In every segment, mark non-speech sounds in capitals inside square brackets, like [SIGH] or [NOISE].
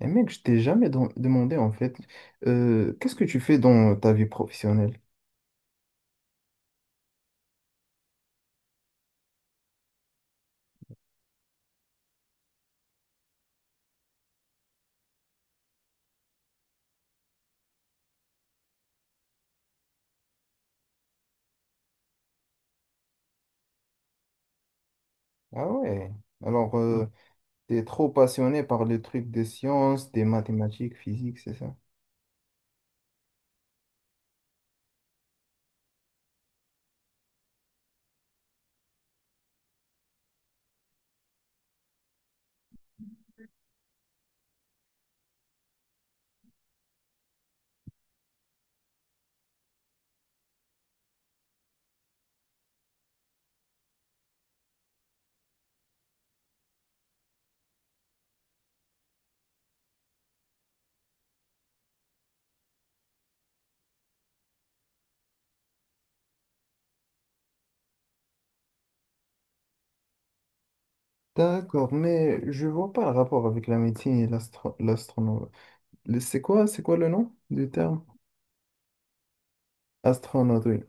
Et mec, je t'ai jamais demandé en fait, qu'est-ce que tu fais dans ta vie professionnelle? Ah ouais. Alors, Ouais. T'es trop passionné par les trucs des sciences, des mathématiques, physique, c'est ça? D'accord, mais je vois pas le rapport avec la médecine et l'astronaute. C'est quoi le nom du terme? Astronaute, oui.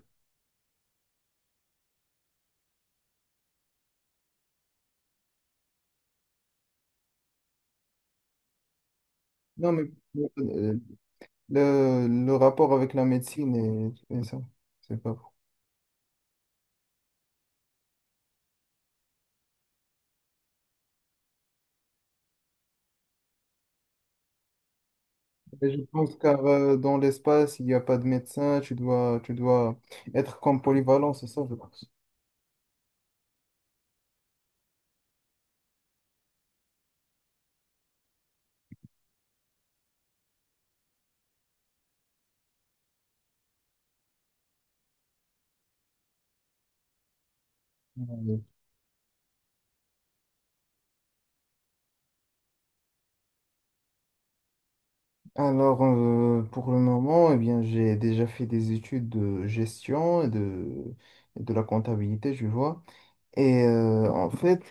Non, mais euh, le rapport avec la médecine et ça, c'est pas fou. Et je pense car dans l'espace, il n'y a pas de médecin, tu dois être comme polyvalent, c'est ça, je pense. Alors, pour le moment, eh bien, j'ai déjà fait des études de gestion et de la comptabilité, je vois. Et en fait,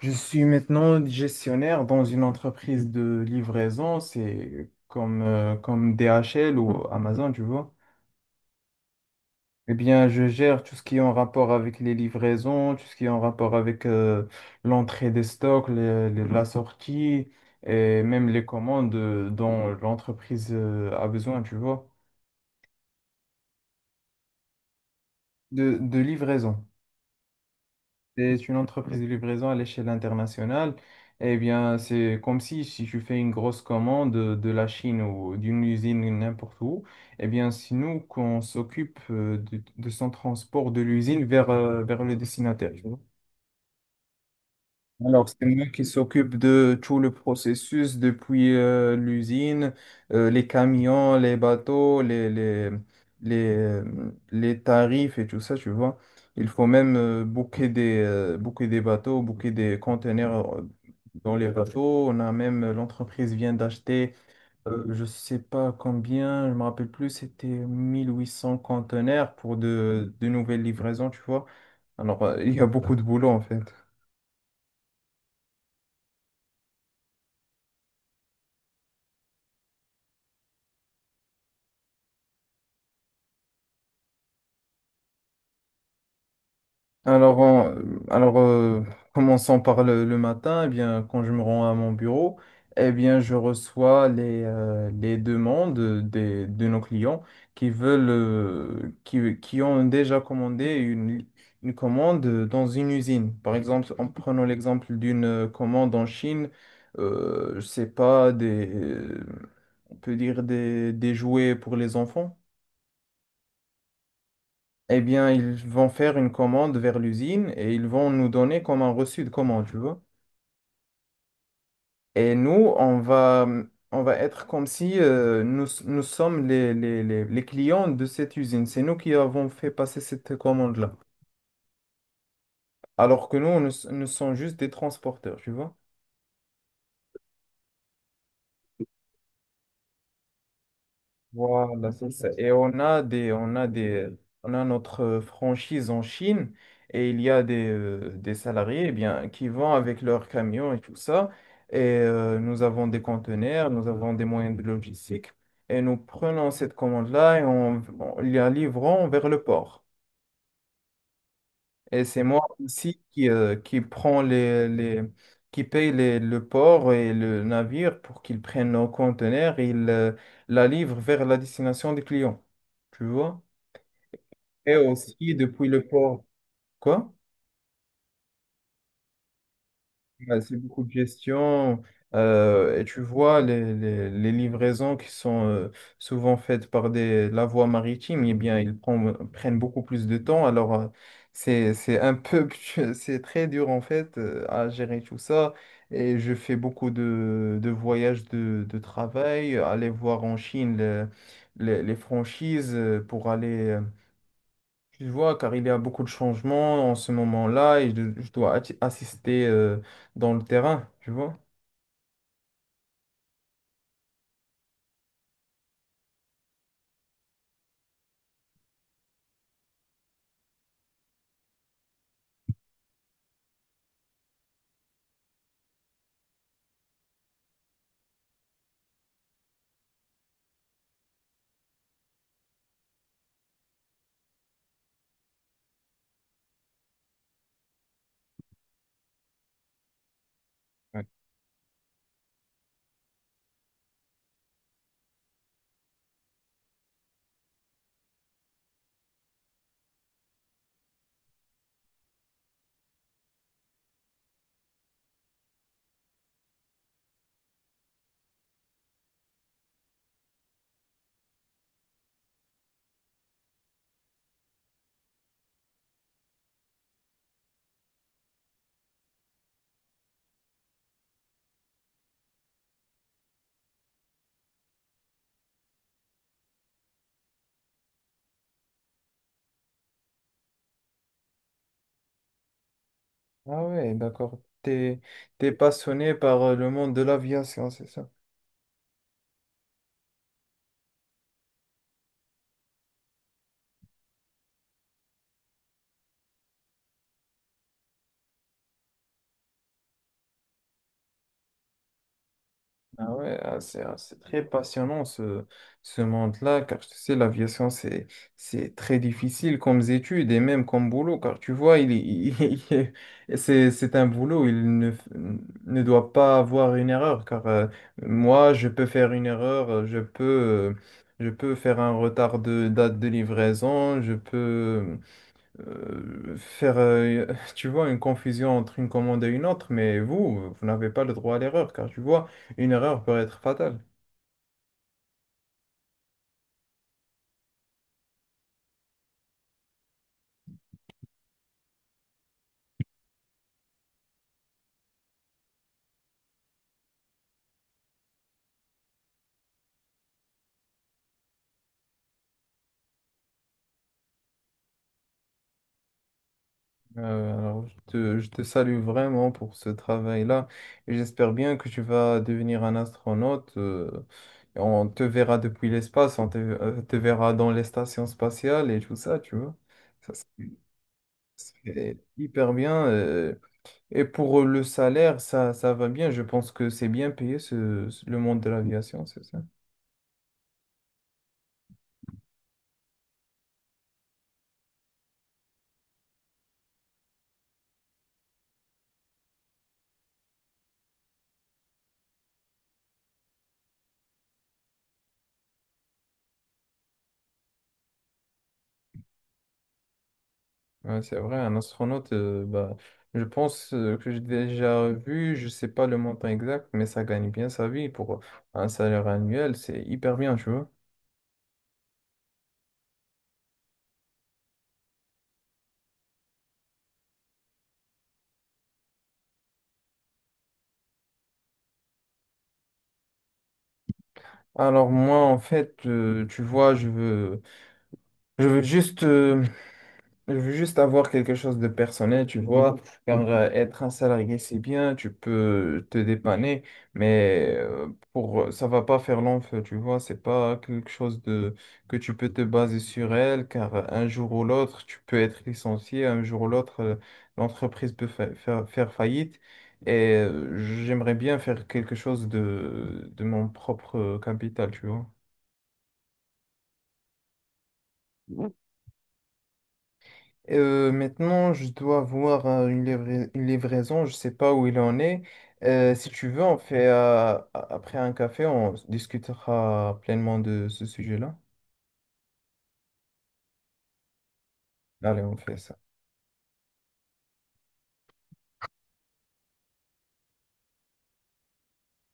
je suis maintenant gestionnaire dans une entreprise de livraison. C'est comme, comme DHL ou Amazon, tu vois. Eh bien, je gère tout ce qui est en rapport avec les livraisons, tout ce qui est en rapport avec l'entrée des stocks, la sortie et même les commandes dont l'entreprise a besoin, tu vois. De livraison. C'est une entreprise de livraison à l'échelle internationale. Eh bien, c'est comme si, si tu fais une grosse commande de la Chine ou d'une usine n'importe où, eh bien, c'est nous qu'on s'occupe de son transport de l'usine vers, vers le destinataire. Alors, c'est moi qui s'occupe de tout le processus depuis l'usine, les camions, les bateaux, les tarifs et tout ça, tu vois. Il faut même booker des bateaux, booker des conteneurs dans les bateaux. On a même, l'entreprise vient d'acheter, je sais pas combien, je me rappelle plus, c'était 1 800 conteneurs pour de nouvelles livraisons, tu vois. Alors, il y a beaucoup de boulot en fait. Alors, en- alors euh, commençons par le matin. Eh bien, quand je me rends à mon bureau, eh bien, je reçois les demandes de nos clients qui veulent, qui ont déjà commandé une commande dans une usine. Par exemple, en prenant l'exemple d'une commande en Chine, je sais pas, on peut dire des jouets pour les enfants. Eh bien, ils vont faire une commande vers l'usine et ils vont nous donner comme un reçu de commande, tu vois. Et nous, on va, on va être comme si nous, nous sommes les clients de cette usine. C'est nous qui avons fait passer cette commande-là. Alors que nous sommes juste des transporteurs, tu vois. Voilà, c'est ça. Et on a notre franchise en Chine et il y a des salariés, eh bien, qui vont avec leurs camions et tout ça. Et nous avons des conteneurs, nous avons des moyens de logistique et nous prenons cette commande-là et on la livrons vers le port. Et c'est moi aussi qui, qui paye le port et le navire pour qu'ils prennent nos conteneurs et ils la livrent vers la destination des clients. Tu vois? Et aussi depuis le port. Quoi? Ouais, c'est beaucoup de gestion. Et tu vois, les livraisons qui sont souvent faites par la voie maritime, eh bien, prennent beaucoup plus de temps. Alors, c'est un peu, [LAUGHS] c'est très dur en fait à gérer tout ça. Et je fais beaucoup de voyages de travail, aller voir en Chine les franchises pour aller, tu vois, car il y a beaucoup de changements en ce moment-là et je dois assister dans le terrain, tu vois. Ouais. Ah ouais, d'accord. T'es passionné par le monde de l'aviation, c'est ça? Ah ouais, ah, c'est très passionnant ce, ce monde-là, car tu sais, l'aviation, c'est très difficile comme étude et même comme boulot, car tu vois, [LAUGHS] il- c'est un boulot, il ne, f- ne doit pas avoir une erreur, car moi, je peux faire une erreur, je peux faire un retard de date de livraison, euh, faire, euh, tu vois, une confusion entre une commande et une autre, mais vous, vous n'avez pas le droit à l'erreur, car tu vois, une erreur peut être fatale. Je te salue vraiment pour ce travail-là, et j'espère bien que tu vas devenir un astronaute. Et on te verra depuis l'espace, te verra dans les stations spatiales et tout ça, tu vois. Ça, c'est hyper bien. Et pour le salaire, ça va bien. Je pense que c'est bien payé le monde de l'aviation, c'est ça? Ouais, c'est vrai, un astronaute, bah, je pense que j'ai déjà vu, je sais pas le montant exact, mais ça gagne bien sa vie pour un salaire annuel, c'est hyper bien, tu vois. Alors moi, en fait, tu vois, je veux juste je veux juste avoir quelque chose de personnel, tu vois, car être un salarié, c'est bien, tu peux te dépanner, mais pour ça va pas faire long feu, tu vois, c'est pas quelque chose de que tu peux te baser sur elle, car un jour ou l'autre, tu peux être licencié, un jour ou l'autre, l'entreprise peut faire faillite, et j'aimerais bien faire quelque chose de mon propre capital, tu vois. Maintenant, je dois avoir une une livraison, je sais pas où il en est. Si tu veux, on fait après un café, on discutera pleinement de ce sujet-là. Allez, on fait ça.